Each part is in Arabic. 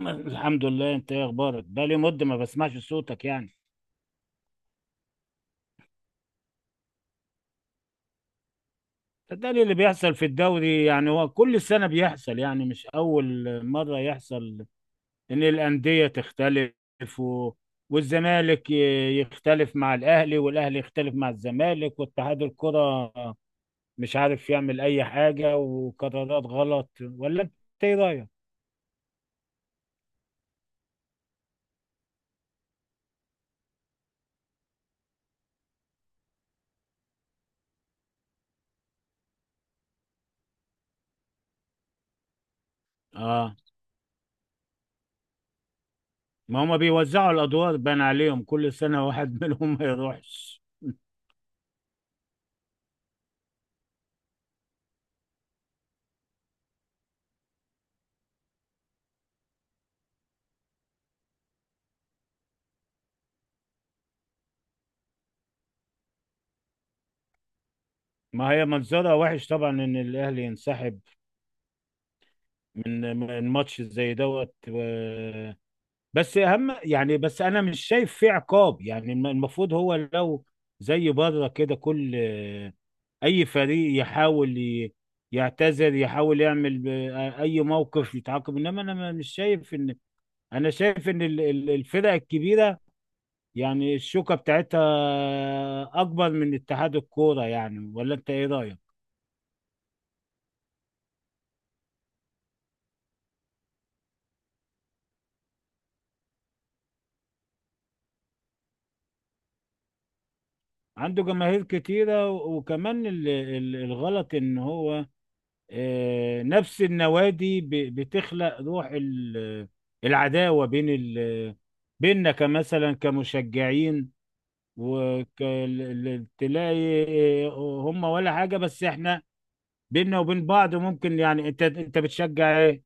الحمد لله، انت ايه اخبارك؟ بقالي مده ما بسمعش صوتك يعني. صدقني اللي بيحصل في الدوري يعني هو كل سنه بيحصل، يعني مش اول مره يحصل ان الانديه تختلف و... والزمالك يختلف مع الاهلي، والاهلي يختلف مع الزمالك، واتحاد الكره مش عارف يعمل اي حاجه وقرارات غلط. ولا انت ايه رايك؟ اه، ما هما بيوزعوا الادوار، بان عليهم كل سنه واحد منهم ما يروحش. ما هي منظرها وحش طبعا ان الاهلي ينسحب من ماتش زي دوت بس اهم، يعني بس انا مش شايف فيه عقاب. يعني المفروض هو لو زي بره كده، كل اي فريق يحاول يعتذر، يحاول يعمل اي موقف يتعاقب. انما انا مش شايف ان، انا شايف ان الفرق الكبيره يعني الشوكه بتاعتها اكبر من اتحاد الكوره. يعني ولا انت ايه رايك؟ عنده جماهير كتيرة، وكمان الغلط ان هو نفس النوادي بتخلق روح العداوة بين بيننا كمثلا، كمشجعين. وتلاقي هم ولا حاجة، بس احنا بيننا وبين بعض ممكن. يعني انت، بتشجع ايه؟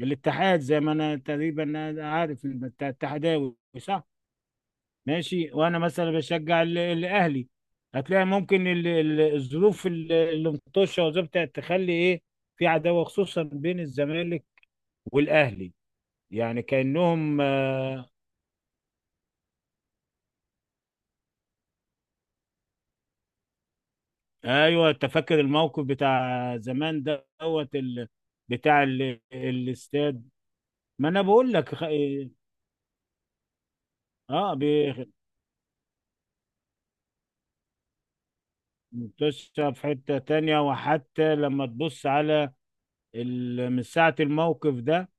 الاتحاد، زي ما انا تقريبا أنا عارف انت اتحداوي، صح؟ ماشي، وانا مثلا بشجع الاهلي. هتلاقي ممكن الظروف اللي مطشه وظبطت تخلي ايه، في عداوه خصوصا بين الزمالك والاهلي، يعني كانهم آه. ايوه، أنت فاكر الموقف بتاع زمان دوت بتاع الاستاد. ما انا بقول لك اه، آه، بي- مطشه في حته تانية. وحتى لما تبص على من ساعه الموقف ده،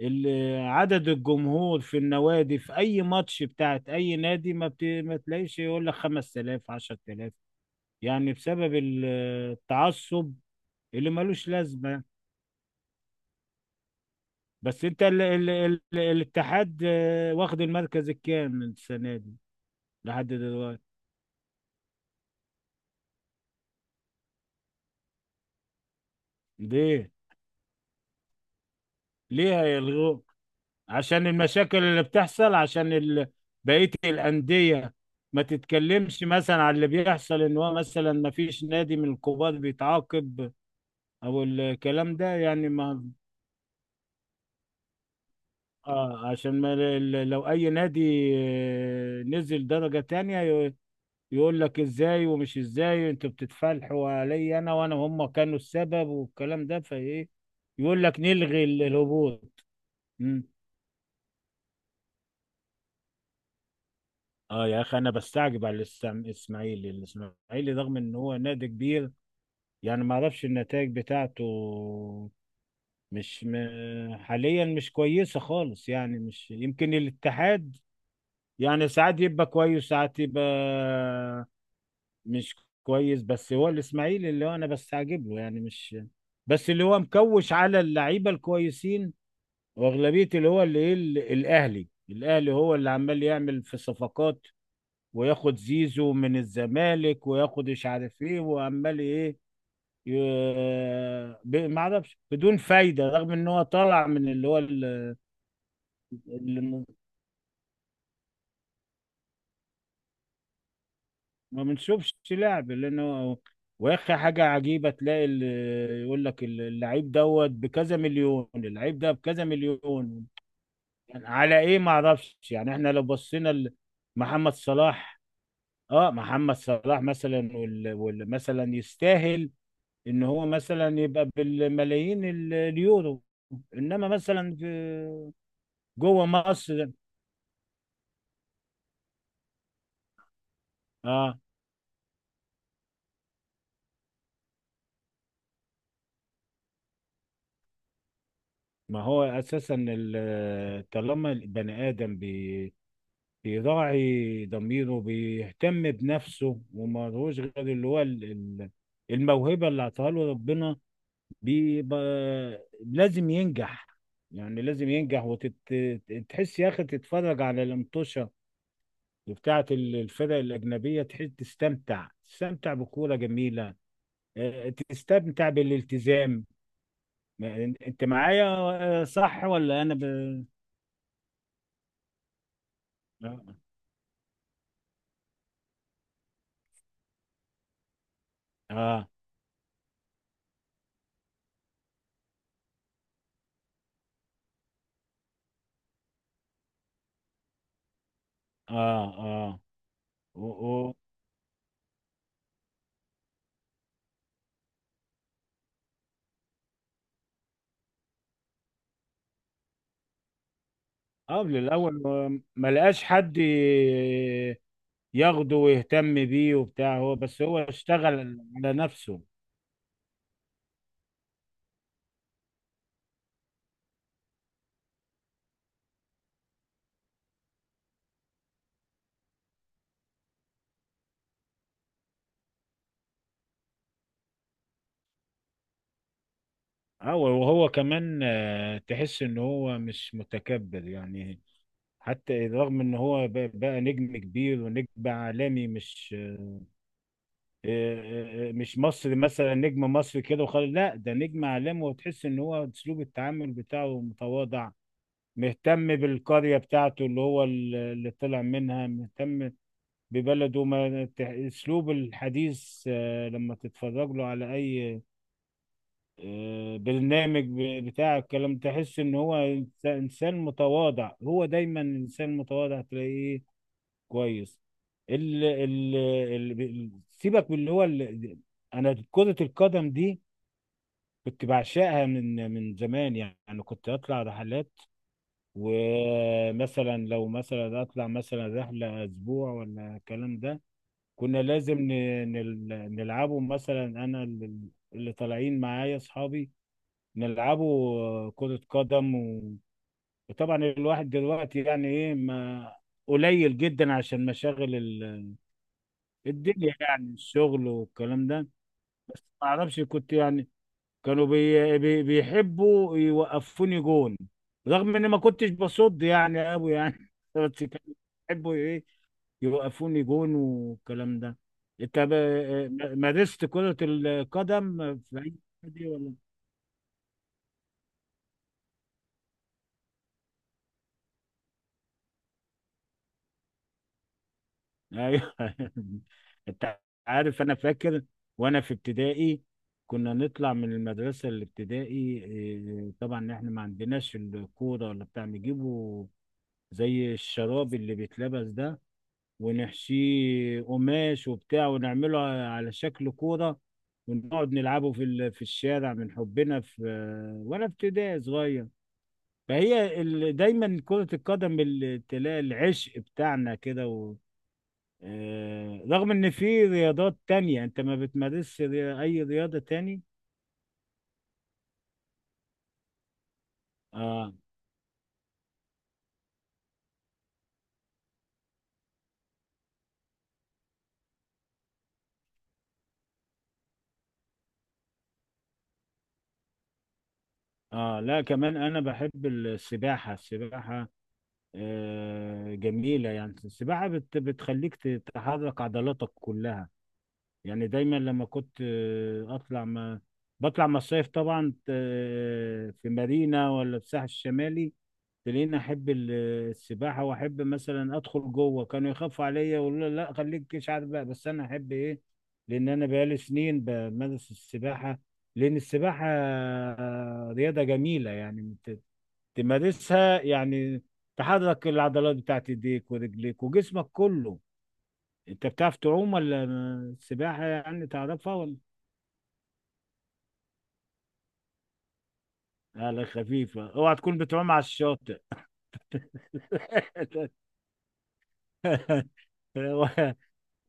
عدد الجمهور في النوادي في اي ماتش بتاعت اي نادي ما تلاقيش يقول لك 5000 10000، يعني بسبب التعصب اللي ملوش لازمه يعني. بس انت الاتحاد واخد المركز الكام السنه دي لحد دلوقتي؟ ليه؟ ليه هيلغوه؟ عشان المشاكل اللي بتحصل؟ عشان بقيه الانديه ما تتكلمش مثلا على اللي بيحصل ان هو مثلا ما فيش نادي من الكبار بيتعاقب او الكلام ده يعني ما. آه، عشان ما، لو اي نادي نزل درجة تانية يقول لك ازاي، ومش ازاي انتوا بتتفلحوا علي انا، وانا هم كانوا السبب، والكلام ده. فايه؟ يقول لك نلغي الهبوط. مم. اه يا اخي، انا بستعجب على الاسماعيلي. الاسماعيلي رغم ان هو نادي كبير، يعني ما اعرفش النتائج بتاعته مش م... حاليا مش كويسة خالص. يعني مش يمكن الاتحاد، يعني ساعات يبقى كويس ساعات يبقى مش كويس، بس هو الاسماعيلي اللي هو انا بستعجب له. يعني مش بس اللي هو مكوش على اللعيبه الكويسين واغلبيه، اللي هو اللي ايه الاهلي. الاهلي هو اللي عمال يعمل في صفقات وياخد زيزو من الزمالك وياخد مش عارف ايه، وعمال ايه، ي... ما اعرفش بدون فايده، رغم ان هو طالع من اللي هو. ما بنشوفش لعب لانه واخي حاجه عجيبه، تلاقي يقول لك اللعيب دوت بكذا مليون، اللعيب ده بكذا مليون. يعني على ايه ما اعرفش. يعني احنا لو بصينا محمد صلاح، اه، محمد صلاح مثلا مثلا يستاهل ان هو مثلا يبقى بالملايين اليورو، انما مثلا في جوه مصر اه. ما هو اساسا طالما البني ادم بيراعي ضميره، بيهتم بنفسه ومالهوش غير اللي هو الموهبة اللي اعطاها له ربنا، بيبقى لازم ينجح. يعني لازم ينجح. وتحس يا أخي تتفرج على الانطوشة بتاعة الفرق الأجنبية، تحس تستمتع، تستمتع بكورة جميلة، تستمتع بالالتزام. أنت معايا صح ولا أنا آه. آه. آه, آه. و- قبل الاول ما لقاش حد ياخده ويهتم بيه وبتاع، هو بس هو اشتغل على نفسه. هو، وهو كمان تحس ان هو مش متكبر يعني، حتى رغم ان هو بقى نجم كبير ونجم عالمي. مش مش مصري مثلا نجم مصري كده وخلاص، لا ده نجم عالمي. وتحس ان هو اسلوب التعامل بتاعه متواضع، مهتم بالقرية بتاعته اللي هو اللي طلع منها، مهتم ببلده. ما ت- اسلوب الحديث، لما تتفرج له على اي برنامج بتاع الكلام، تحس ان هو انسان متواضع. هو دايما انسان متواضع، تلاقيه كويس. ال ال ال سيبك من اللي هو انا كرة القدم دي كنت بعشقها من زمان يعني. كنت اطلع رحلات، ومثلا لو مثلا اطلع مثلا رحلة اسبوع ولا الكلام ده، كنا لازم نلعبه. مثلا انا اللي طالعين معايا اصحابي، نلعبه كرة قدم وطبعا الواحد دلوقتي يعني ايه، ما قليل جدا عشان مشاغل الدنيا، يعني الشغل والكلام ده. بس ما اعرفش، كنت يعني كانوا بيحبوا يوقفوني جون، رغم اني ما كنتش بصد يعني قوي يعني بس كانوا بيحبوا إيه، يوقفوني جون والكلام ده. انت مارست كرة القدم في اي نادي ولا؟ ايوه انت عارف انا فاكر وانا في ابتدائي، كنا نطلع من المدرسة الابتدائي، إيه، طبعا احنا ما عندناش الكورة ولا بتاع، نجيبه زي الشراب اللي بيتلبس ده، ونحشيه قماش وبتاع ونعمله على شكل كورة، ونقعد نلعبه في في الشارع. من حبنا في وانا في ابتدائي صغير. فهي دايما كرة القدم تلاقي العشق بتاعنا كده رغم ان في رياضات تانية، انت ما بتمارسش اي رياضة تاني؟ اه، اه لا كمان انا بحب السباحة. السباحة آه جميلة، يعني السباحة بتخليك تحرك عضلاتك كلها، يعني دايما لما كنت اطلع، ما بطلع مصايف طبعا في مارينا ولا في الساحل الشمالي، تلاقيني احب السباحه، واحب مثلا ادخل جوه. كانوا يخافوا عليا يقولوا لي لا خليك مش عارف بقى، بس انا احب ايه، لان انا بقالي سنين بمارس السباحه، لان السباحه رياضه جميله يعني تمارسها يعني، تحرك العضلات بتاعت ايديك ورجليك وجسمك كله. انت بتعرف تعوم ولا السباحة يعني تعرفها ولا؟ على خفيفة، اوعى تكون بتعوم على الشاطئ؟ هو،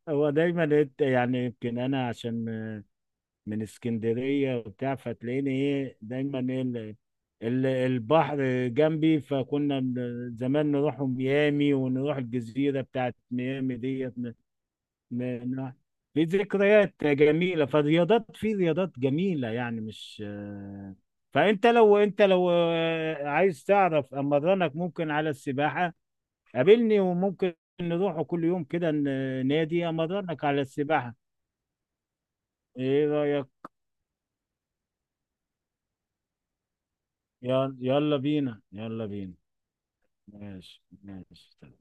دايما يعني يمكن انا عشان من اسكندرية وبتاع، فتلاقيني ايه دايما ايه البحر جنبي، فكنا من زمان نروح ميامي ونروح الجزيرة بتاعت ميامي ديت ن- ن- في ذكريات جميلة. فالرياضات، في رياضات جميلة يعني مش، فانت لو انت لو عايز تعرف امرنك ممكن على السباحة، قابلني وممكن نروح كل يوم كده نادي، امرنك على السباحة. ايه رأيك؟ يلا يلا بينا، يلا بينا. ماشي ماشي.